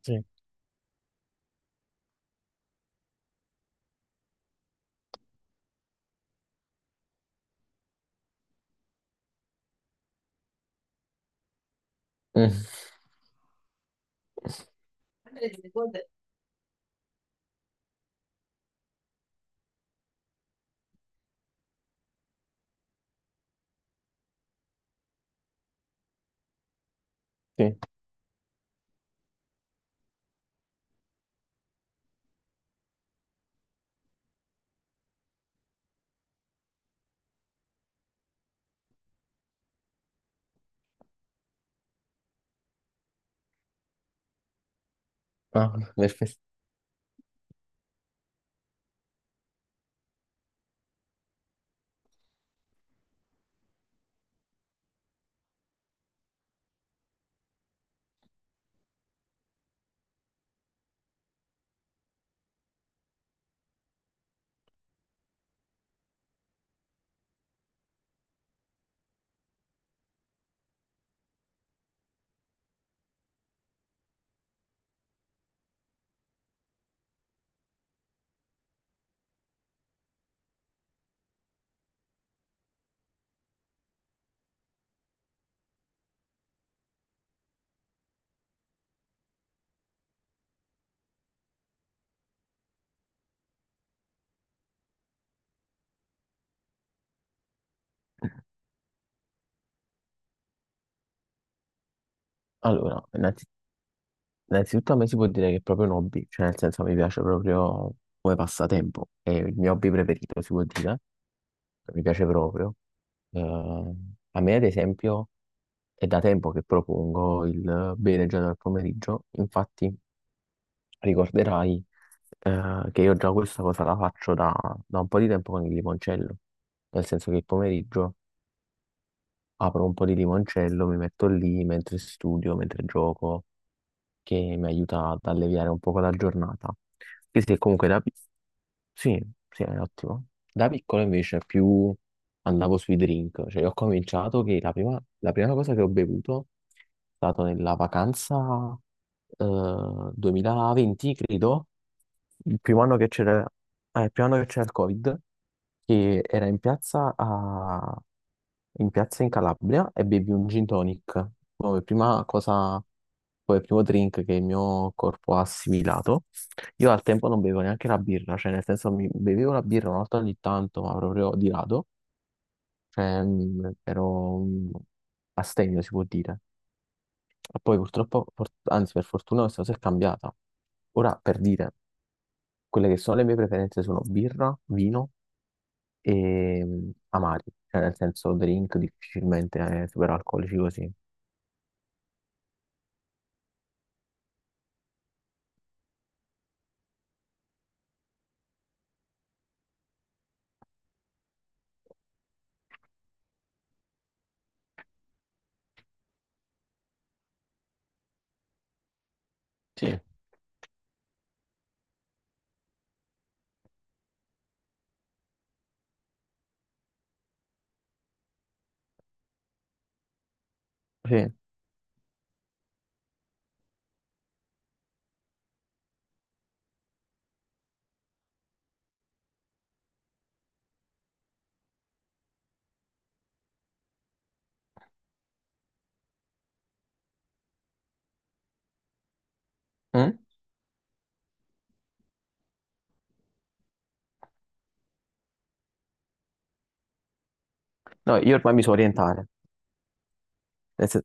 Sì. Mm, sì, ah, perfetto. Allora, innanzitutto a me si può dire che è proprio un hobby, cioè nel senso mi piace proprio come passatempo, è il mio hobby preferito, si può dire, mi piace proprio. Eh, A me ad esempio è da tempo che propongo il bere già dal pomeriggio, infatti ricorderai, che io già questa cosa la faccio da un po' di tempo con il limoncello, nel senso che il pomeriggio apro un po' di limoncello, mi metto lì mentre studio, mentre gioco, che mi aiuta ad alleviare un poco la giornata. Anche se comunque sì, sì, è ottimo. Da piccolo invece più andavo sui drink, cioè ho cominciato che la prima cosa che ho bevuto è stato nella vacanza 2020, credo, il primo anno che c'era. Ah, il piano che c'era il Covid, che era in piazza, a... in piazza in Calabria, e bevi un gin tonic come prima cosa, come primo drink che il mio corpo ha assimilato. Io al tempo non bevevo neanche la birra, cioè nel senso mi bevevo la birra una volta ogni tanto, ma proprio di rado, cioè ero astemio, si può dire. Ma poi purtroppo, anzi per fortuna, questa cosa è cambiata. Ora per dire, quelle che sono le mie preferenze sono birra, vino e amari, cioè nel senso drink difficilmente, superalcolici così. Sì. Sì. Mm? No, io ormai mi so orientare. nel sen-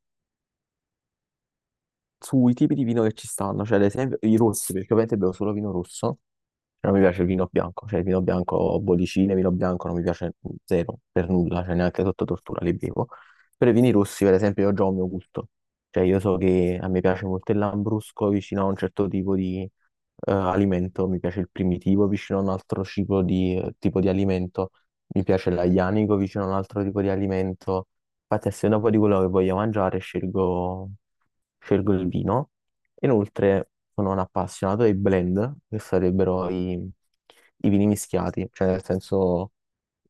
Sui tipi di vino che ci stanno, cioè ad esempio i rossi, perché ovviamente bevo solo vino rosso. Non mi piace il vino bianco, cioè il vino bianco, bollicine, vino bianco non mi piace zero, per nulla, cioè neanche sotto tortura li bevo. Per i vini rossi, per esempio, io già ho il mio gusto. Cioè io so che a me piace molto il lambrusco vicino a un certo tipo di alimento, mi piace il primitivo vicino a un altro tipo di alimento, mi piace l'aglianico vicino a un altro tipo di alimento. Infatti, a seconda poi di quello che voglio mangiare, scelgo il vino. Inoltre sono un appassionato dei blend, che sarebbero i vini mischiati, cioè nel senso,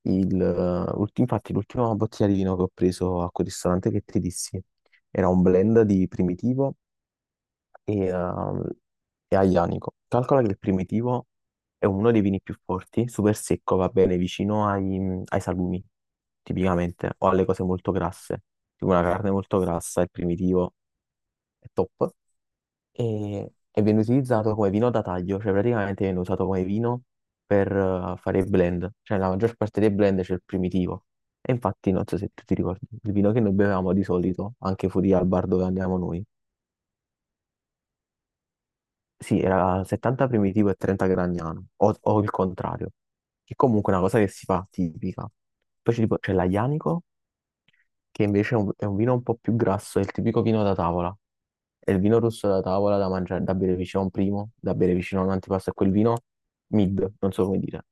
infatti l'ultima bottiglia di vino che ho preso a quel ristorante che ti dissi era un blend di Primitivo e, ehm, e Aglianico. Calcola che il Primitivo è uno dei vini più forti, super secco, va bene vicino ai salumi, tipicamente, o alle cose molto grasse, tipo una carne molto grassa, il Primitivo è top, e viene utilizzato come vino da taglio, cioè praticamente viene usato come vino per fare il blend, cioè la maggior parte dei blend c'è il primitivo. E infatti non so se tu ti ricordi, il vino che noi bevevamo di solito, anche fuori al bar dove andiamo noi, sì, era 70 primitivo e 30 gragnano, o il contrario, che comunque è una cosa che si fa tipica. Poi c'è c'è l'aglianico, che invece è è un vino un po' più grasso, è il tipico vino da tavola. È il vino rosso da tavola da mangiare, da bere vicino a un primo, da bere vicino a un antipasto, è quel vino mid, non so come dire.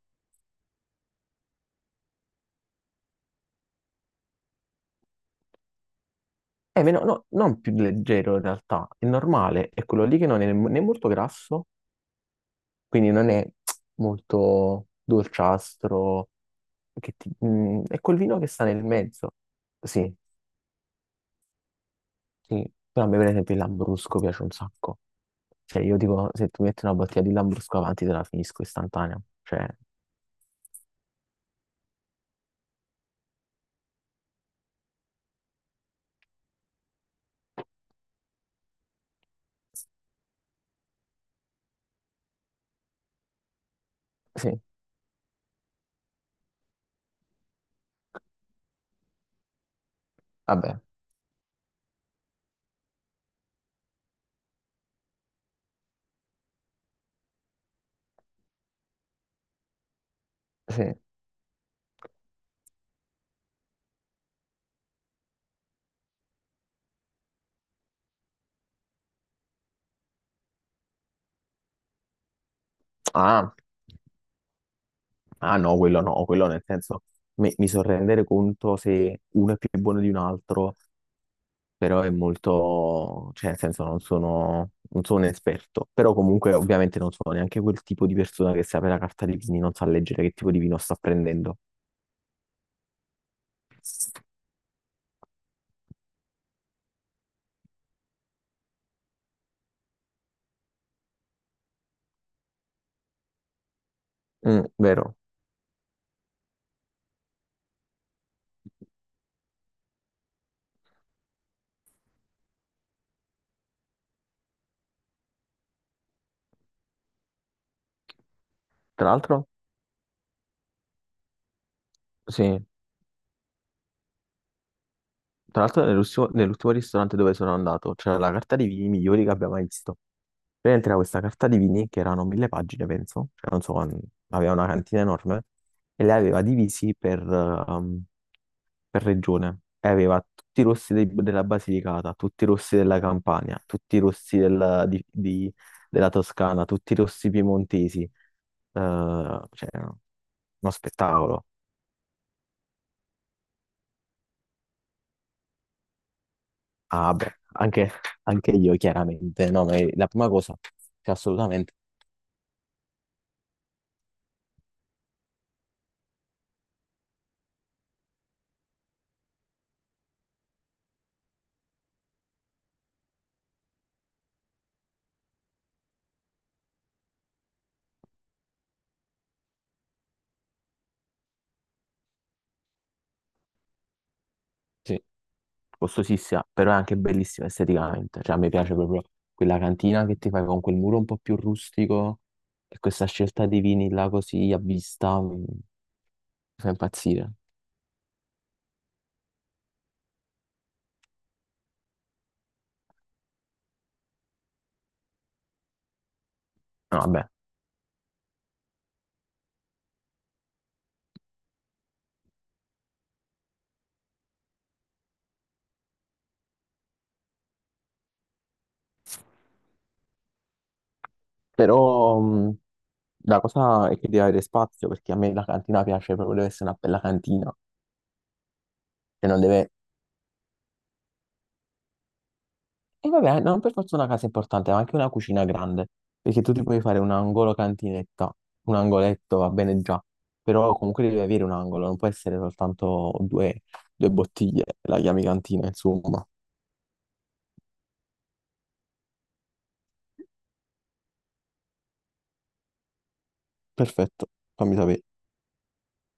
È meno, no, non più leggero in realtà, è normale, è quello lì che non è né né molto grasso, quindi non è molto dolciastro, che ti- mm, è quel vino che sta nel mezzo. Sì. Sì, però a me per esempio il Lambrusco piace un sacco. Cioè io dico, se tu metti una bottiglia di Lambrusco avanti te la finisco istantanea. Cioè, sì, vabbè, sì. Ah, ah no, quello no, quello nel senso, mi so rendere conto se uno è più buono di un altro, però è molto, cioè nel senso non sono un esperto. Però comunque ovviamente non sono neanche quel tipo di persona che se apre la carta di vini non sa leggere che tipo di vino sta prendendo. Mm, vero. Tra l'altro, sì. Tra l'altro nell'ultimo ristorante dove sono andato c'era la carta dei vini migliori che abbia mai visto. Praticamente era questa carta di vini che erano mille pagine, penso, cioè non so, aveva una cantina enorme e le aveva divisi per regione. E aveva tutti i rossi della Basilicata, tutti i rossi della Campania, tutti i rossi della Toscana, tutti i rossi piemontesi. Cioè, Uno spettacolo. Ah, beh, anche io chiaramente, no, ma è la prima cosa, cioè, assolutamente, sì, costosissima, però è anche bellissima esteticamente, cioè a me piace proprio quella cantina che ti fai con quel muro un po' più rustico e questa scelta di vini là così a vista mi fa impazzire. No, vabbè, però la cosa è che deve avere spazio perché a me la cantina piace proprio, deve essere una bella cantina, e non deve e vabbè, non per forza una casa importante, ma anche una cucina grande, perché tu ti puoi fare un angolo cantinetta, un angoletto va bene già, però comunque devi avere un angolo, non può essere soltanto due bottiglie, la chiami cantina, insomma. Perfetto, fammi sapere.